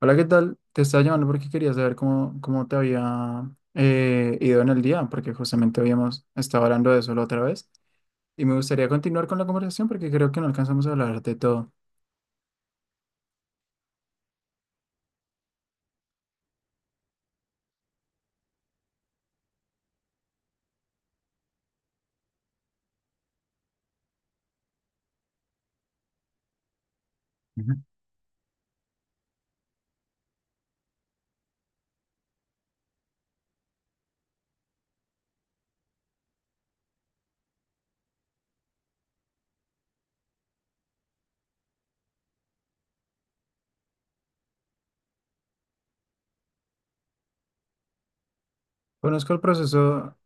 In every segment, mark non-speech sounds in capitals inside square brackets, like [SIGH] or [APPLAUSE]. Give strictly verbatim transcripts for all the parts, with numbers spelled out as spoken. Hola, ¿qué tal? Te estaba llamando porque quería saber cómo, cómo te había eh, ido en el día, porque justamente habíamos estado hablando de eso la otra vez y me gustaría continuar con la conversación porque creo que no alcanzamos a hablar de todo. Ujú. Conozco el proceso,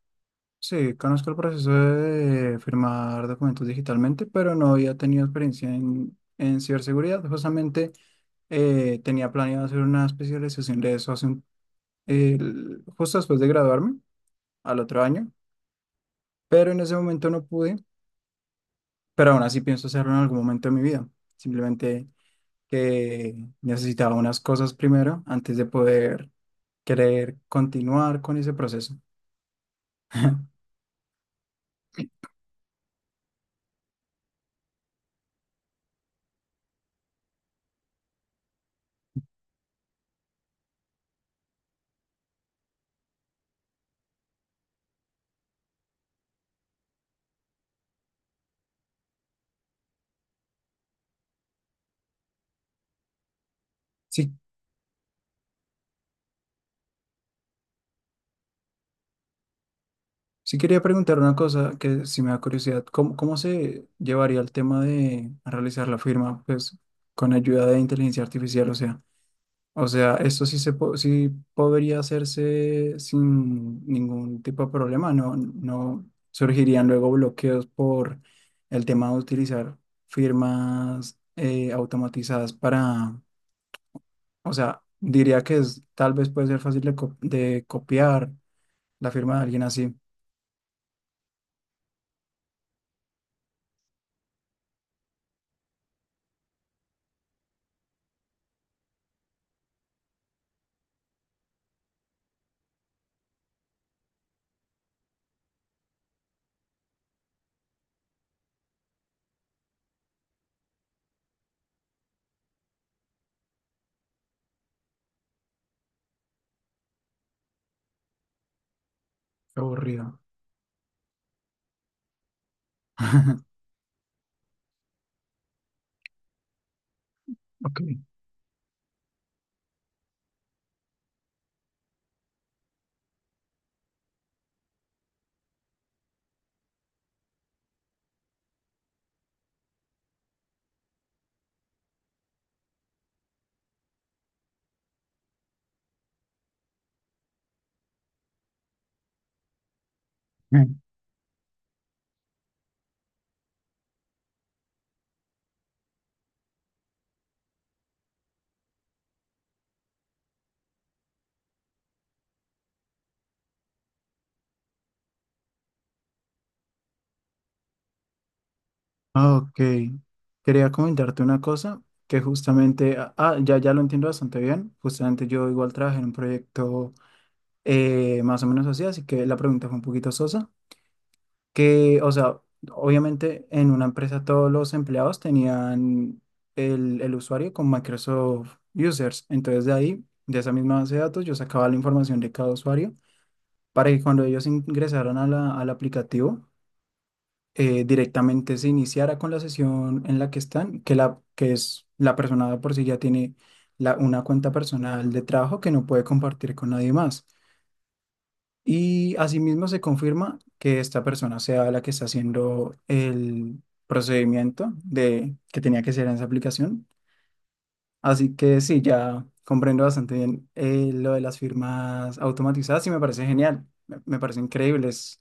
sí, conozco el proceso de firmar documentos digitalmente, pero no había tenido experiencia en, en ciberseguridad. Justamente eh, tenía planeado hacer una especialización de eso hace un- el- justo después de graduarme, al otro año, pero en ese momento no pude. Pero aún así pienso hacerlo en algún momento de mi vida. Simplemente que necesitaba unas cosas primero antes de poder querer continuar con ese proceso. [LAUGHS] Sí, sí quería preguntar una cosa que si me da curiosidad, ¿cómo, cómo se llevaría el tema de realizar la firma, pues, con ayuda de inteligencia artificial? O sea, O sea, eso sí se po- sí podría hacerse sin ningún tipo de problema, no, no surgirían luego bloqueos por el tema de utilizar firmas eh, automatizadas para, o sea, diría que es, tal vez puede ser fácil de, co- de copiar la firma de alguien así. Qué aburrido. [LAUGHS] Ok. Mm. Ok. Quería comentarte una cosa que justamente, ah, ya, ya lo entiendo bastante bien. Justamente yo igual trabajé en un proyecto eh, más o menos así, así que la pregunta fue un poquito sosa, que, o sea, obviamente en una empresa todos los empleados tenían el, el usuario con Microsoft Users, entonces de ahí, de esa misma base de datos, yo sacaba la información de cada usuario para que cuando ellos ingresaron a la- al aplicativo, eh, directamente se iniciara con la sesión en la que están, que, la, que es la persona de por sí ya tiene la, una cuenta personal de trabajo que no puede compartir con nadie más. Y asimismo se confirma que esta persona sea la que está haciendo el procedimiento de que tenía que ser en esa aplicación. Así que sí, ya comprendo bastante bien eh, lo de las firmas automatizadas y me parece genial, me, me parece increíble. Es-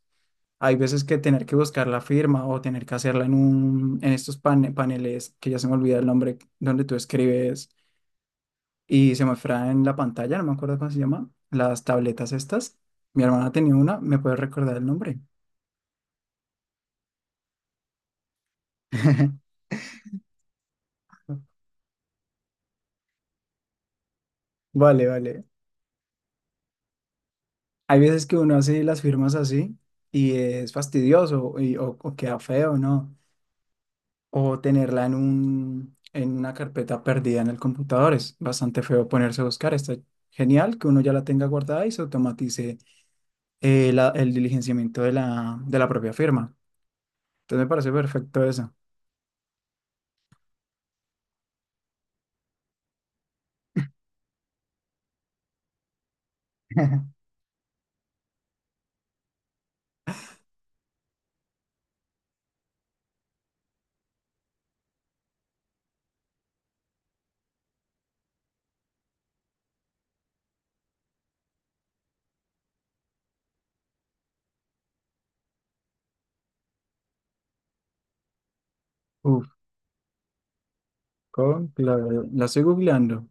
hay veces que tener que buscar la firma o tener que hacerla en un, en estos pane- paneles, que ya se me olvida el nombre, donde tú escribes y se muestra en la pantalla, no me acuerdo cómo se llama, las tabletas estas. Mi hermana tenía una, ¿me puede recordar el nombre? Vale, vale. Hay veces que uno hace las firmas así y es fastidioso y- o, o queda feo, ¿no? O tenerla en un, en una carpeta perdida en el computador. Es bastante feo ponerse a buscar. Está genial que uno ya la tenga guardada y se automatice eh, la- el diligenciamiento de la, de la propia firma. Entonces me parece perfecto eso. [LAUGHS] Uf, con la, la estoy googleando.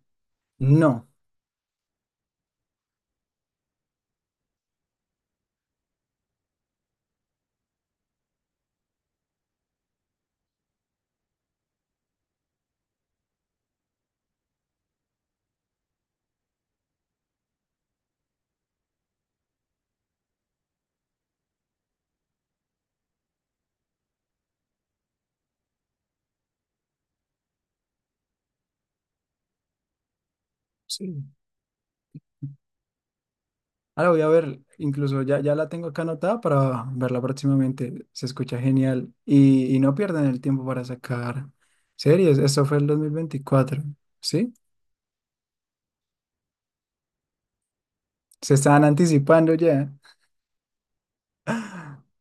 No. Sí. Ah, la voy a ver, incluso ya, ya la tengo acá anotada para verla próximamente. Se escucha genial. Y, y no pierdan el tiempo para sacar series. Esto fue el dos mil veinticuatro, ¿sí? Se estaban anticipando ya. [LAUGHS]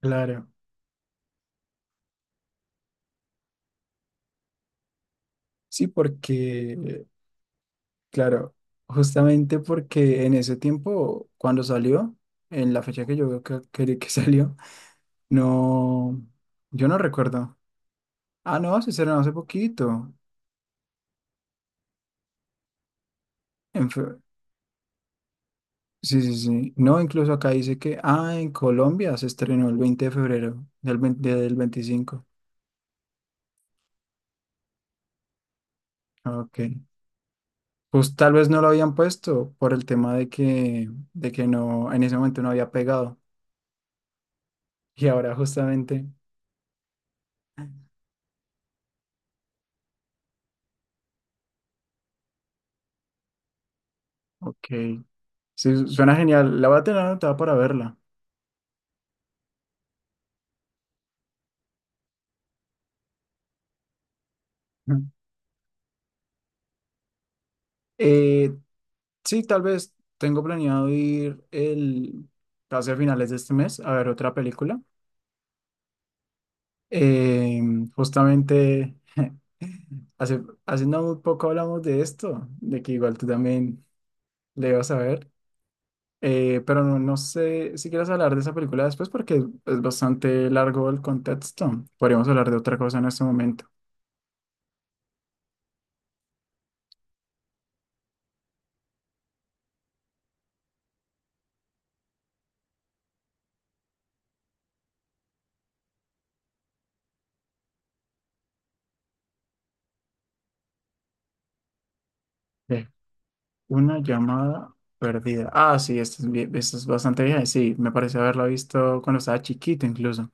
Claro, sí, porque, claro, justamente porque en ese tiempo, cuando salió, en la fecha que yo veo que, que, que [LAUGHS] salió, no, yo no recuerdo. Ah, no, se estrenó hace poquito. Sí, sí, sí. No, incluso acá dice que, ah, en Colombia se estrenó el veinte de febrero del veinte del veinticinco. Ah, ok. Pues tal vez no lo habían puesto por el tema de que, de que no, en ese momento no había pegado. [LAUGHS] Y ahora justamente, ok. Sí, su- suena genial. La voy a tener anotada para verla. Ujú. Eh, sí, tal vez tengo planeado ir el, casi a finales de este mes a ver otra película. Eh, Justamente. Hace, hace no muy poco hablamos de esto, de que igual tú también le vas a ver, eh, pero no, no sé si quieres hablar de esa película después porque es, es bastante largo el contexto. Podríamos hablar de otra cosa en este momento. Eh, Una llamada perdida. Ah, sí, esta es, vie- esta es bastante vieja. Sí, me parece haberla visto cuando estaba chiquito incluso.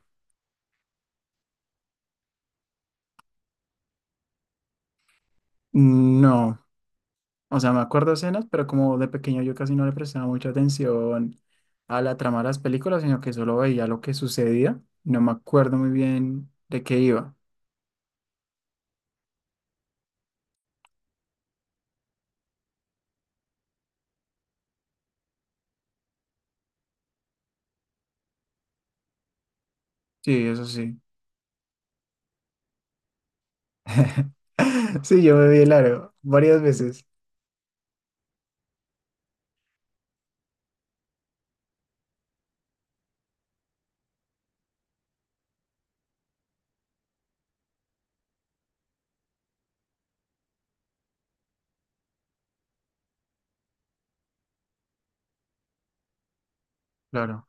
No. O sea, me acuerdo escenas, pero como de pequeño yo casi no le prestaba mucha atención a la trama de las películas, sino que solo veía lo que sucedía. No me acuerdo muy bien de qué iba. Sí, eso sí. [LAUGHS] Sí, yo me vi el aro varias veces. Claro.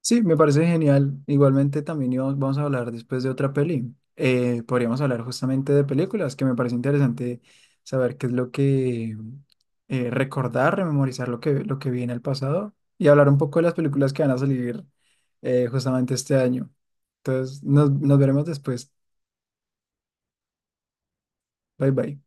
Sí, me parece genial. Igualmente también íbamos- vamos a hablar después de otra peli. Eh, podríamos hablar justamente de películas, que me parece interesante saber qué es lo que eh, recordar, rememorizar lo que, lo que vi en el pasado y hablar un poco de las películas que van a salir eh, justamente este año. Entonces, nos, nos veremos después. Bye bye.